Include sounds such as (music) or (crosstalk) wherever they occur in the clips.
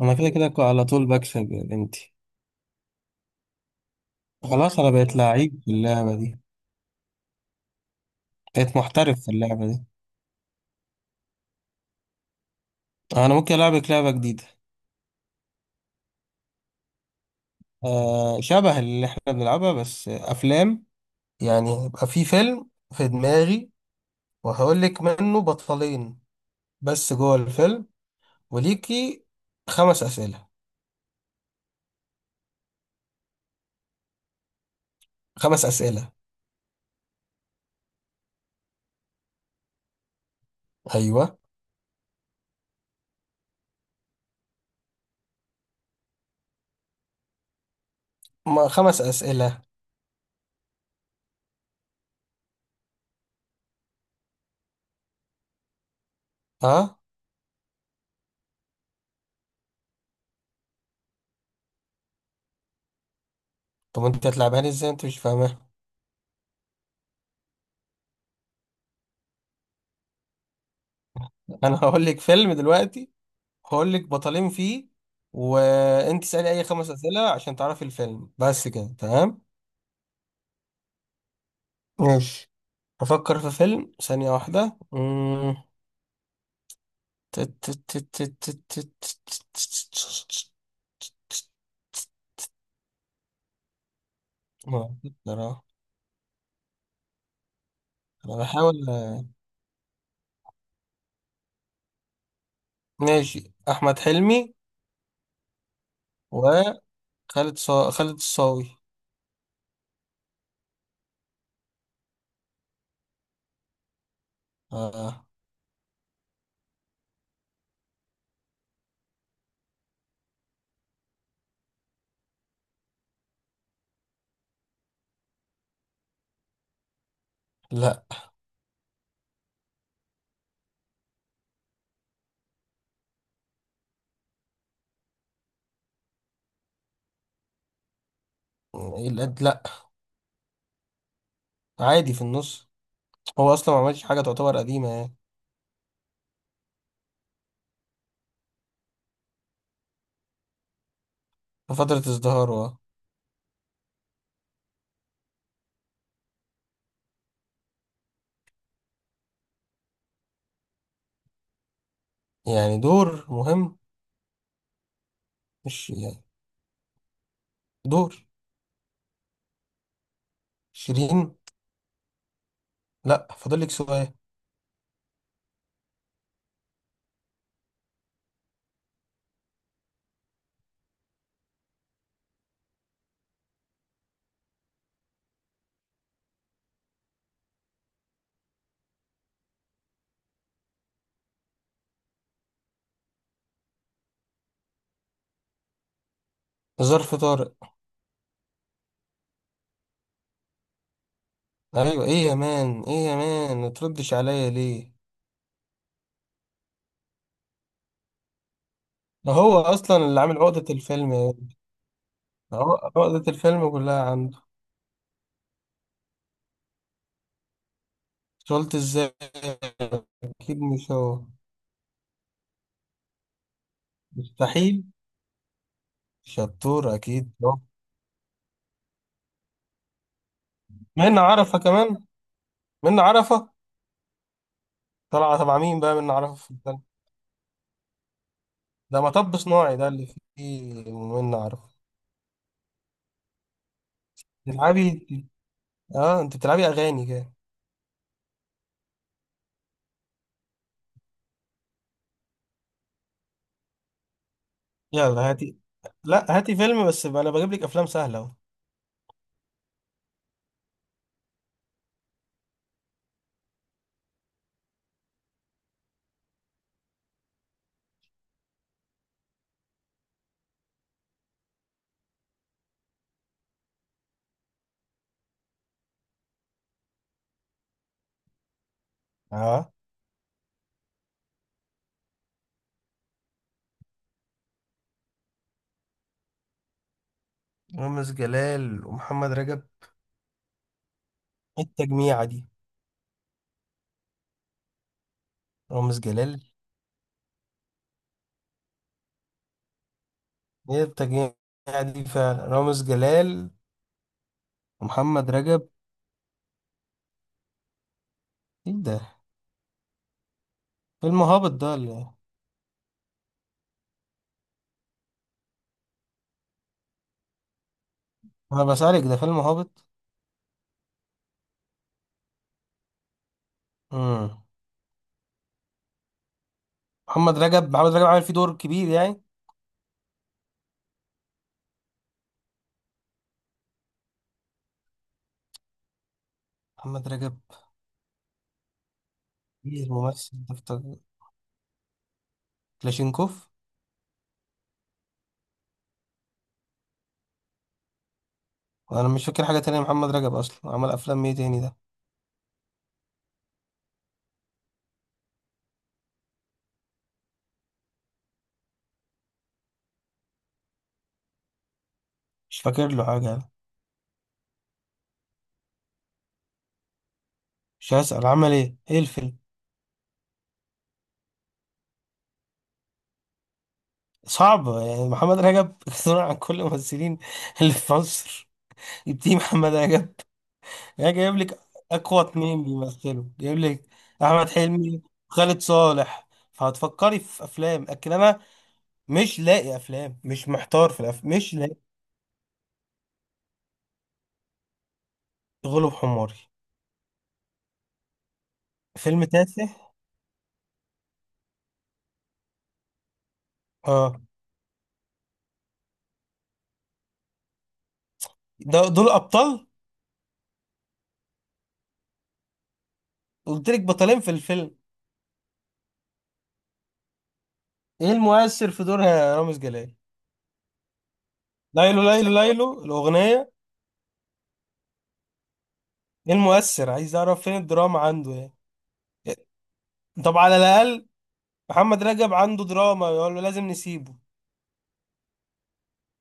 انا كده كده على طول بكسب يا بنتي. خلاص، انا بقيت لعيب في اللعبة دي، بقيت محترف في اللعبة دي. انا ممكن العبك لعبة جديدة. آه، شبه اللي احنا بنلعبها بس افلام. يعني يبقى في فيلم في دماغي، وهقول لك منه بطلين بس جوه الفيلم، وليكي خمس اسئلة. خمس اسئلة. ايوه. ما خمس اسئلة. اه. طب انت هتلعبها لي ازاي؟ انت مش فاهمها. (laughs) انا هقول لك فيلم دلوقتي، هقول لك بطلين فيه، وانت اسالي اي خمس اسئله عشان تعرفي الفيلم، بس كده تمام. ماشي. افكر في فيلم ثانيه واحده. تت- تت- تت- تت- تت- تت- ما أقدر. أهو. انا بحاول. ماشي، احمد حلمي وخالد، خالد الصاوي. آه. لا. لا، عادي في النص. هو اصلا ما عملش حاجه تعتبر قديمه يعني. في فتره ازدهاره، آه. يعني دور مهم، مش يعني دور. شيرين. لا، فاضل لك سؤال. ظرف طارق. ايوه، ايه يا مان؟ ايه يا مان؟ ما تردش عليا ليه؟ ده هو اصلا اللي عامل عقدة الفيلم يا ابني. عقدة الفيلم كلها عنده. قلت ازاي؟ اكيد مش هو، مستحيل. شطور، اكيد هو. منة عرفة كمان. منة عرفة طالعة تبع مين بقى منة عرفة في الفيلم؟ ده مطب صناعي، ده اللي فيه منة عرفة. بتلعبي؟ اه انت بتلعبي اغاني كده. يلا هاتي. لا هاتي فيلم بس بقى، انا بجيب لك افلام سهله اهو. اه، رامز جلال ومحمد رجب؟ إيه التجميعه دي؟ رامز جلال؟ ايه التجميعه دي فعلا؟ رامز جلال ومحمد رجب؟ ايه ده؟ فيلم هابط ده اللي. انا بسألك، ده فيلم هابط؟ امم محمد رجب، محمد رجب عامل فيه دور كبير يعني؟ محمد رجب؟ ايه الممثل ده بتاع كلاشينكوف. وانا مش فاكر حاجه تانية، محمد رجب اصلا عمل افلام ايه تاني ده؟ مش فاكر له حاجه يعني. مش هسأل عمل ايه، ايه الفيلم؟ صعبة يعني. محمد رجب صنع عن كل الممثلين اللي في مصر. يبتدي محمد رجب يعني، جايب لك أقوى اتنين بيمثلوا، جايب لك أحمد حلمي، خالد صالح، فهتفكري في أفلام. لكن أنا مش لاقي أفلام، مش محتار في الأفلام، مش لاقي. غلب حماري. فيلم تافه. اه، ده دول أبطال. قلت لك بطلين في الفيلم. إيه المؤثر في دورها يا رامز جلال؟ ليلو ليلو ليلو الأغنية. إيه المؤثر؟ عايز أعرف فين الدراما عنده يعني. طب على الأقل محمد رجب عنده دراما، يقول له لازم نسيبه.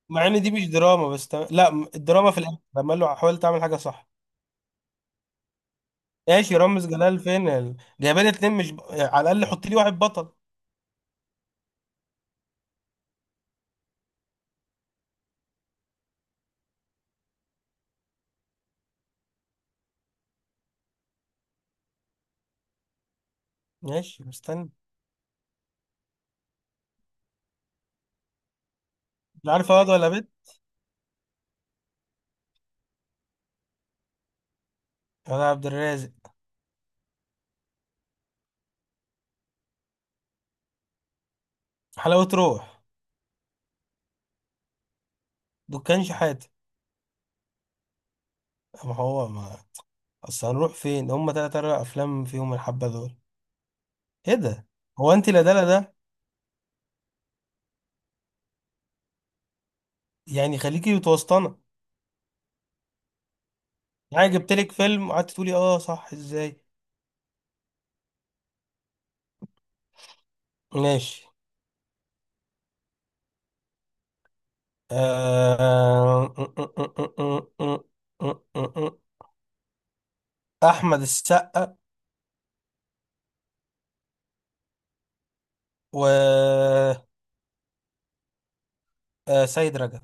مع ان دي مش دراما بس لا، الدراما في الاخر لما قال له حاول تعمل حاجه صح. ماشي، رامز جلال فين؟ جايبه لي اتنين مش على الاقل حط لي واحد بطل. ماشي، مستني. مش عارف واد ولا بنت. انا عبد الرازق. حلاوه روح. دكان شحاته. ما هو ما اصل هنروح فين، هم تلات اربع افلام فيهم الحبه دول. ايه ده؟ هو انت، لا ده، لا ده. يعني خليكي متوسطنه. يعني جبت لك فيلم وقعدت تقولي اه صح ازاي. ماشي. آه، احمد السقا و سيد رجب.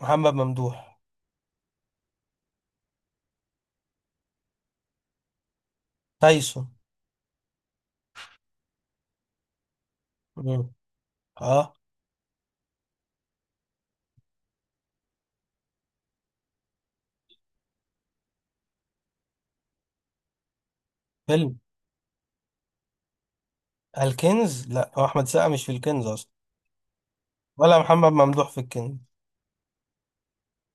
محمد ممدوح. تايسون. مم. اه. فيلم الكنز. لا هو احمد السقا مش في الكنز اصلا. ولا محمد ممدوح في الكنز.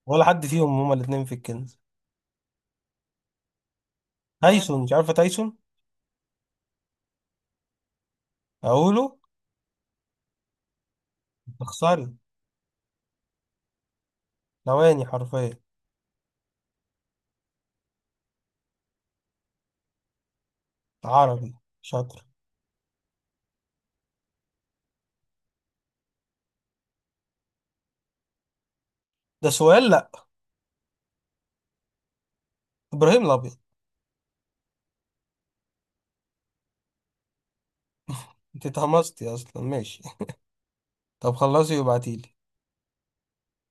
ولا حد فيهم. هما الاثنين في الكنز. تايسون؟ مش عارفه تايسون؟ اقوله. تخسري. ثواني حرفيا. عربي. شاطر. ده سؤال، لا. ابراهيم الابيض. انت اتهمستي اصلا، ماشي. طب خلصي وابعتيلي.